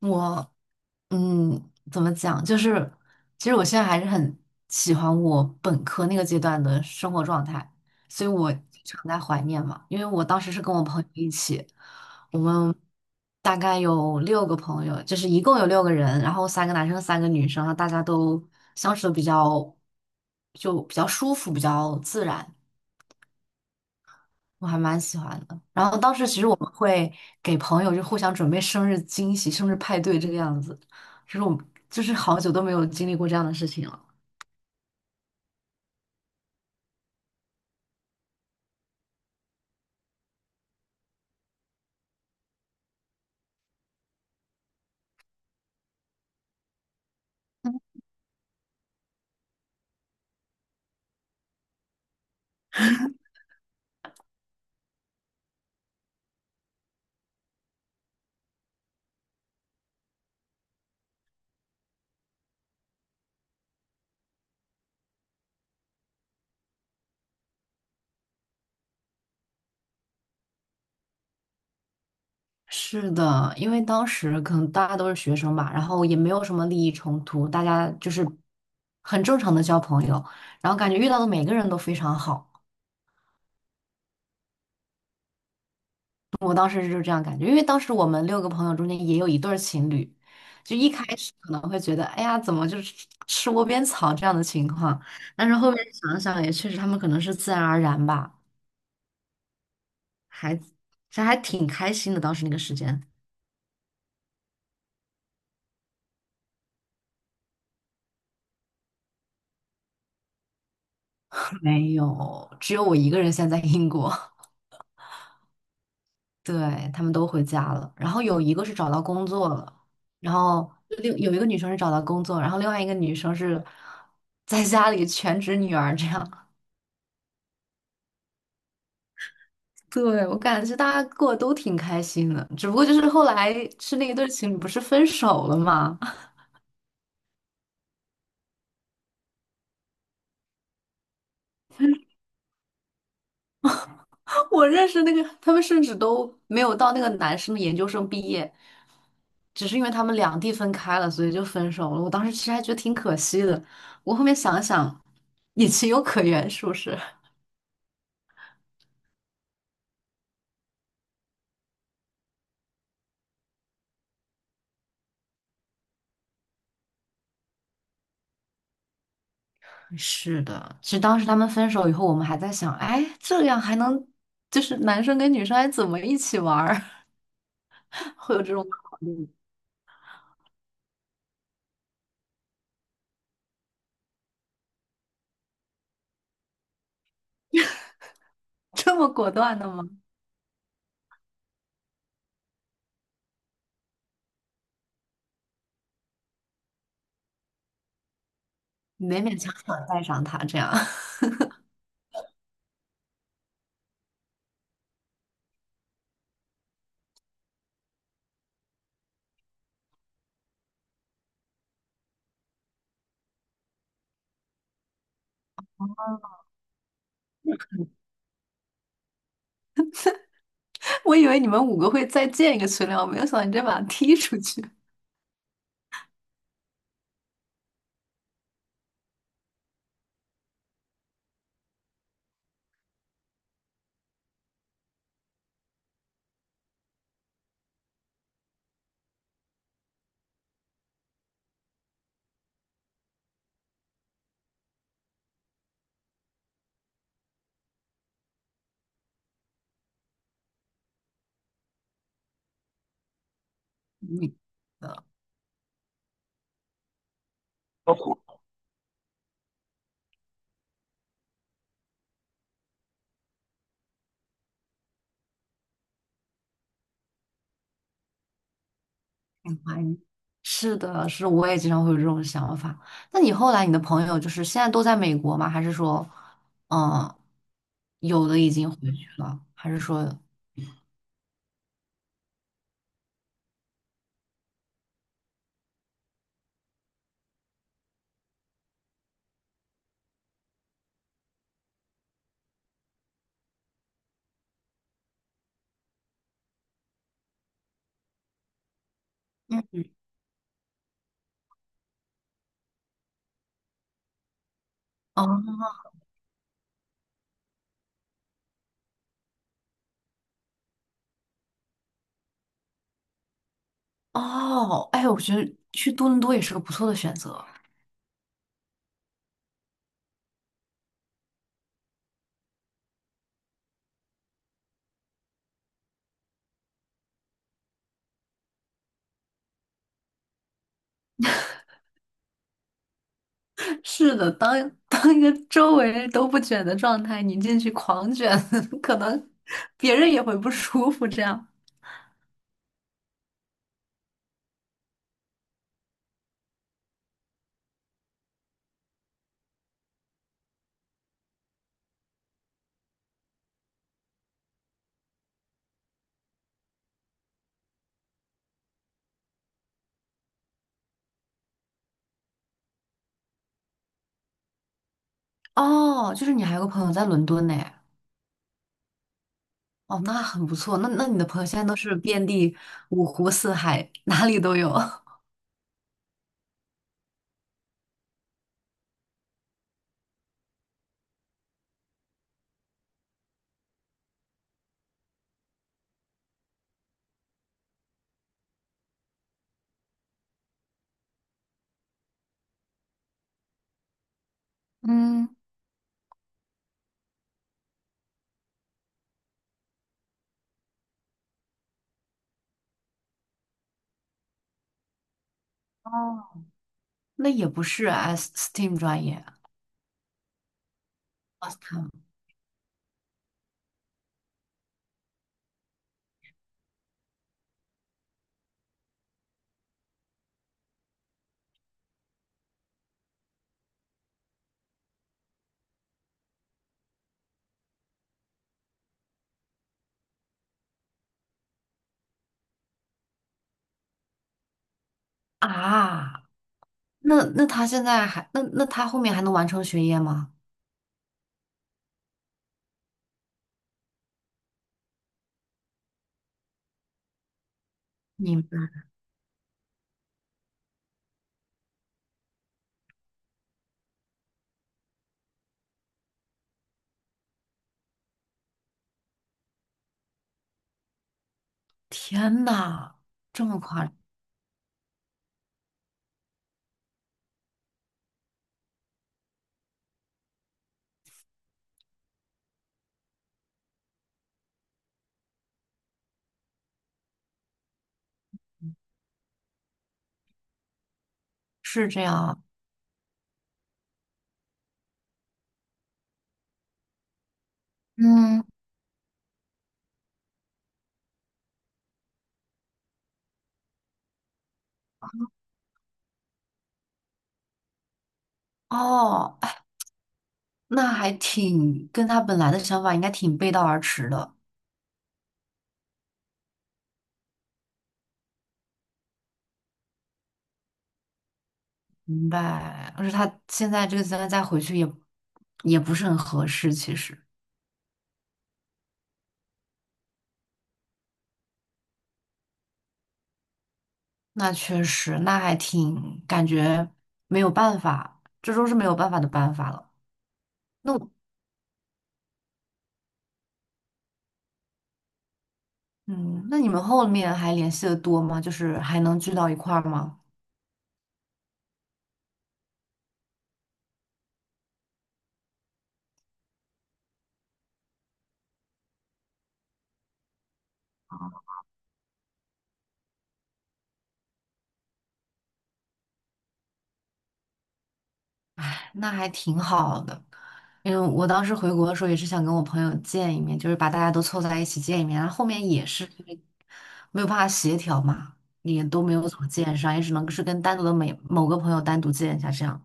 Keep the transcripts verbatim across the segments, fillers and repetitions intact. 我嗯，怎么讲？就是其实我现在还是很喜欢我本科那个阶段的生活状态，所以我经常在怀念嘛。因为我当时是跟我朋友一起，我们大概有六个朋友，就是一共有六个人，然后三个男生，三个女生，然后大家都相处的比较就比较舒服，比较自然。我还蛮喜欢的。然后当时其实我们会给朋友就互相准备生日惊喜、生日派对这个样子，就是我们就是好久都没有经历过这样的事情了。是的，因为当时可能大家都是学生吧，然后也没有什么利益冲突，大家就是很正常的交朋友，然后感觉遇到的每个人都非常好。我当时就是这样感觉，因为当时我们六个朋友中间也有一对儿情侣，就一开始可能会觉得，哎呀，怎么就是吃吃窝边草这样的情况，但是后面想想也确实，他们可能是自然而然吧，还这还挺开心的。当时那个时间没有，只有我一个人现在在英国，对，他们都回家了，然后有一个是找到工作了，然后另有一个女生是找到工作，然后另外一个女生是在家里全职女儿这样。对，我感觉大家过得都挺开心的，只不过就是后来是那一对情侣不是分手了嘛？我认识那个，他们甚至都没有到那个男生的研究生毕业，只是因为他们两地分开了，所以就分手了。我当时其实还觉得挺可惜的，我后面想一想也情有可原，是不是？是的，其实当时他们分手以后，我们还在想，哎，这样还能就是男生跟女生还怎么一起玩儿 会有这种考虑，这么果断的吗？勉勉强强带上他这样。我以为你们五个会再建一个群聊，我没有想到你直接把他踢出去。你是的，是的我也经常会有这种想法。那你后来你的朋友就是现在都在美国吗？还是说，嗯，有的已经回去了，还是说？嗯，哦哦，哎，我觉得去多伦多也是个不错的选择。是的，当 当一个周围人都不卷的状态，你进去狂卷，可能别人也会不舒服这样。哦，就是你还有个朋友在伦敦呢。哦，那很不错。那那你的朋友现在都是遍地五湖四海，哪里都有。嗯，哦，那也不是 S STEAM 专业啊。s a m 啊，那那他现在还那那他后面还能完成学业吗？你们天呐，这么夸张？是这样啊？嗯，哦，哎那还挺跟他本来的想法应该挺背道而驰的。明白。而且他现在这个阶段再回去也也不是很合适，其实。那确实，那还挺感觉没有办法，这都是没有办法的办法了。那我嗯，那你们后面还联系的多吗？就是还能聚到一块儿吗？哎，那还挺好的。因为我当时回国的时候也是想跟我朋友见一面，就是把大家都凑在一起见一面，然后后面也是因为没有办法协调嘛，也都没有怎么见上，也只能是跟单独的每某个朋友单独见一下这样。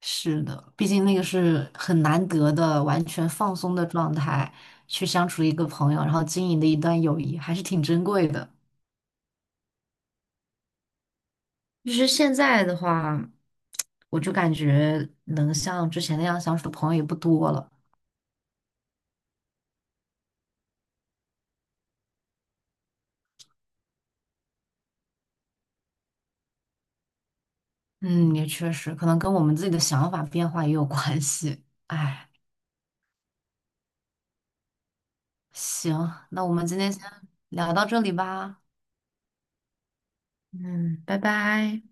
是的，毕竟那个是很难得的完全放松的状态，去相处一个朋友，然后经营的一段友谊，还是挺珍贵的。就是现在的话，我就感觉能像之前那样相处的朋友也不多了。嗯，也确实，可能跟我们自己的想法变化也有关系。哎，行，那我们今天先聊到这里吧。嗯，拜拜。